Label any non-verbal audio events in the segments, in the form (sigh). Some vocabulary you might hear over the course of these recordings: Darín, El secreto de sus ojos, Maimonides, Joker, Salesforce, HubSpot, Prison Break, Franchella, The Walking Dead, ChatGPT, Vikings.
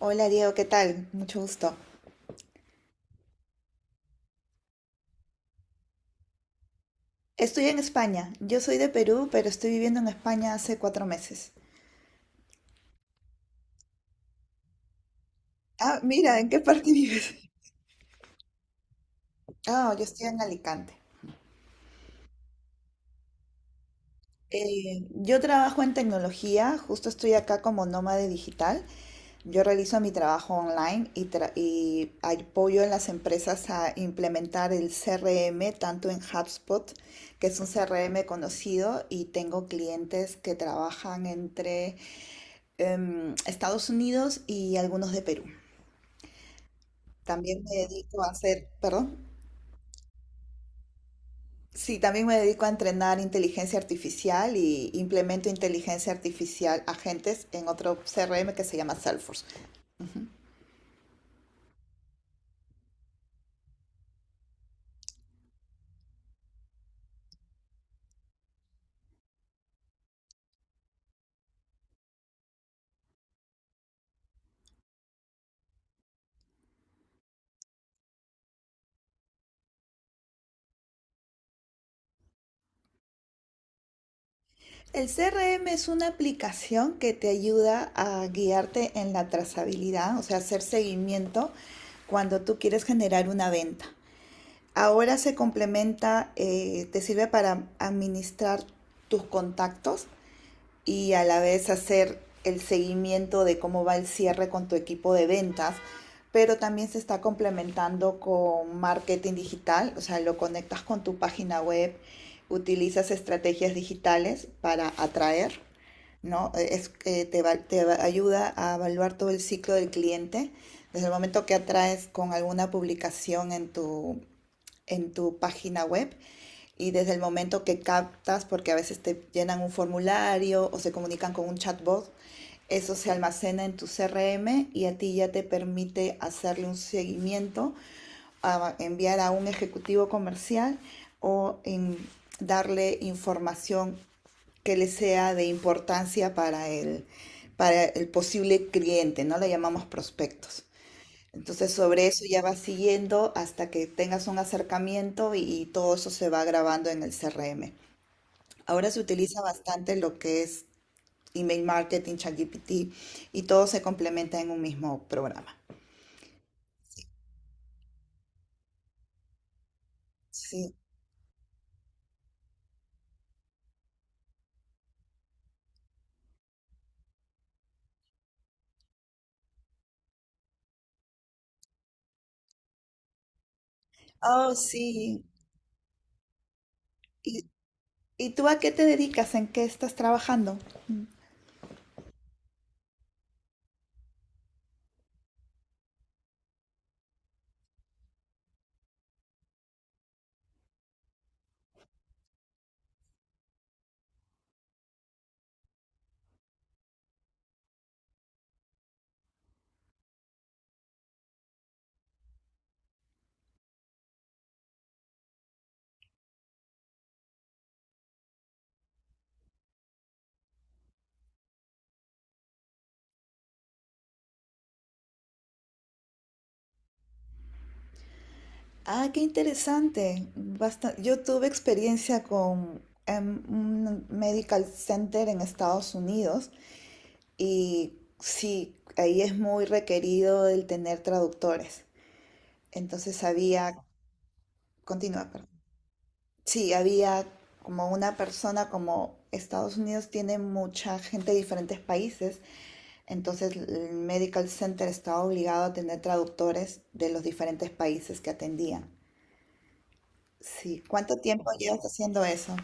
Hola Diego, ¿qué tal? Mucho gusto. Estoy en España. Yo soy de Perú, pero estoy viviendo en España hace cuatro meses. Ah, mira, ¿en qué parte vives? (laughs) Ah, yo estoy en Alicante. Yo trabajo en tecnología, justo estoy acá como nómade digital. Yo realizo mi trabajo online y y apoyo a las empresas a implementar el CRM, tanto en HubSpot, que es un CRM conocido, y tengo clientes que trabajan entre Estados Unidos y algunos de Perú. También me dedico a hacer, perdón, sí, también me dedico a entrenar inteligencia artificial y implemento inteligencia artificial agentes en otro CRM que se llama Salesforce. El CRM es una aplicación que te ayuda a guiarte en la trazabilidad, o sea, hacer seguimiento cuando tú quieres generar una venta. Ahora se complementa, te sirve para administrar tus contactos y a la vez hacer el seguimiento de cómo va el cierre con tu equipo de ventas, pero también se está complementando con marketing digital, o sea, lo conectas con tu página web, utilizas estrategias digitales para atraer, ¿no? Te ayuda a evaluar todo el ciclo del cliente, desde el momento que atraes con alguna publicación en tu página web y desde el momento que captas, porque a veces te llenan un formulario o se comunican con un chatbot, eso se almacena en tu CRM y a ti ya te permite hacerle un seguimiento, a enviar a un ejecutivo comercial o en darle información que le sea de importancia para el posible cliente, ¿no? Le llamamos prospectos. Entonces sobre eso ya vas siguiendo hasta que tengas un acercamiento y todo eso se va grabando en el CRM. Ahora se utiliza bastante lo que es email marketing, ChatGPT y todo se complementa en un mismo programa. Sí. Oh, sí. ¿Y, y tú a qué te dedicas? ¿En qué estás trabajando? Mm. Ah, qué interesante. Basta- Yo tuve experiencia con un medical center en Estados Unidos. Y sí, ahí es muy requerido el tener traductores. Entonces había, continúa, perdón. Sí, había como una persona, como Estados Unidos tiene mucha gente de diferentes países, entonces el Medical Center estaba obligado a tener traductores de los diferentes países que atendían. Sí, ¿cuánto tiempo llevas haciendo eso?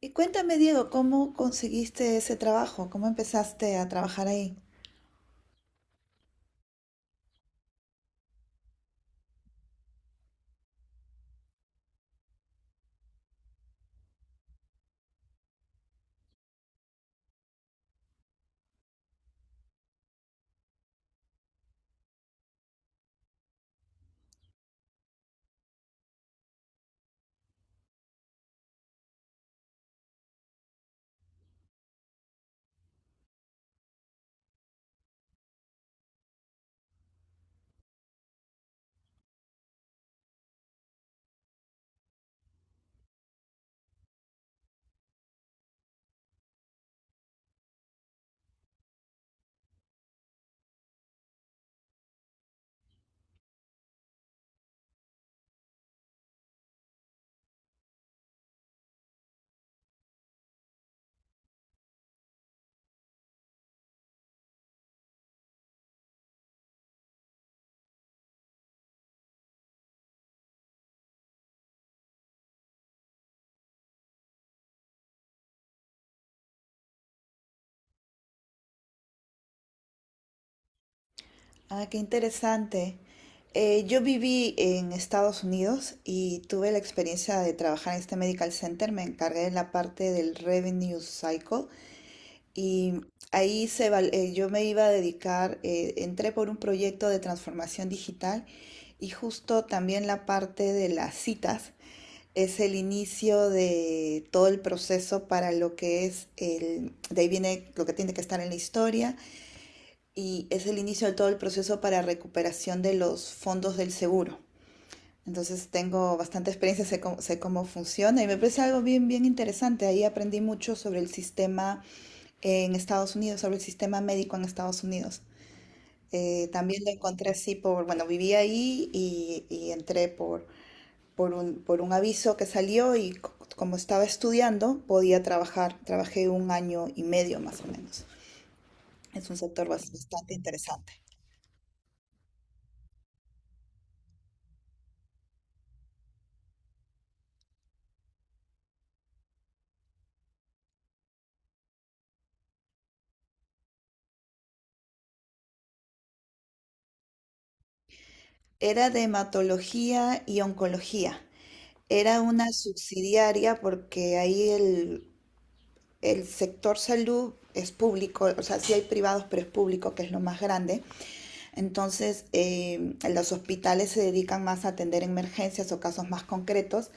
Y cuéntame, Diego, ¿cómo conseguiste ese trabajo? ¿Cómo empezaste a trabajar ahí? Ah, qué interesante. Yo viví en Estados Unidos y tuve la experiencia de trabajar en este medical center. Me encargué de la parte del revenue cycle y yo me iba a dedicar, entré por un proyecto de transformación digital y justo también la parte de las citas es el inicio de todo el proceso para lo que es el, de ahí viene lo que tiene que estar en la historia y es el inicio de todo el proceso para recuperación de los fondos del seguro. Entonces tengo bastante experiencia, sé cómo, sé cómo funciona y me parece algo bien, bien interesante. Ahí aprendí mucho sobre el sistema en Estados Unidos, sobre el sistema médico en Estados Unidos. También lo encontré así por, bueno, viví ahí y entré por un aviso que salió y como estaba estudiando podía trabajar. Trabajé un año y medio más o menos. Es un sector bastante interesante. Era de hematología y oncología. Era una subsidiaria porque ahí el sector salud es público, o sea, sí hay privados, pero es público, que es lo más grande. Entonces, los hospitales se dedican más a atender emergencias o casos más concretos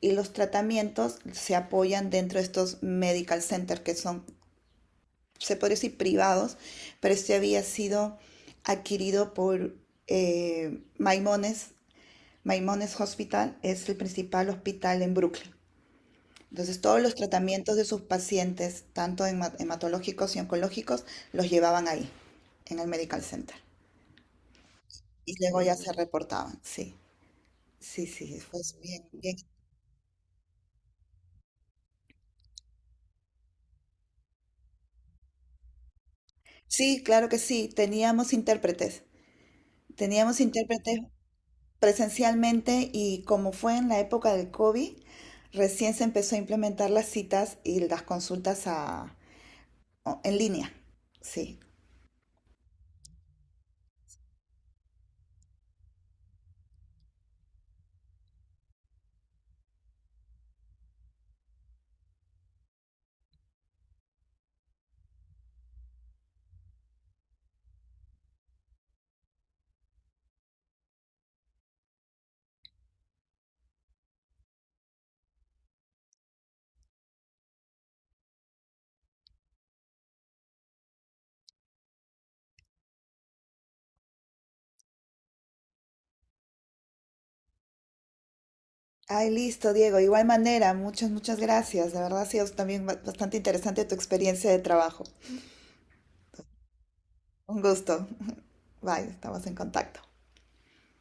y los tratamientos se apoyan dentro de estos medical centers que son, se podría decir, privados, pero este había sido adquirido por Maimones Maimonides Hospital es el principal hospital en Brooklyn. Entonces, todos los tratamientos de sus pacientes, tanto hematológicos y oncológicos, los llevaban ahí, en el Medical Center. Y luego ya se reportaban, sí. Sí, sí, fue bien, bien. Sí, claro que sí, teníamos intérpretes. Teníamos intérpretes presencialmente y como fue en la época del COVID, recién se empezó a implementar las citas y las consultas en línea. Sí. Ay, listo, Diego. De igual manera, muchas, muchas gracias. De verdad ha sido también bastante interesante tu experiencia de trabajo. Un gusto. (laughs) Bye, estamos en contacto.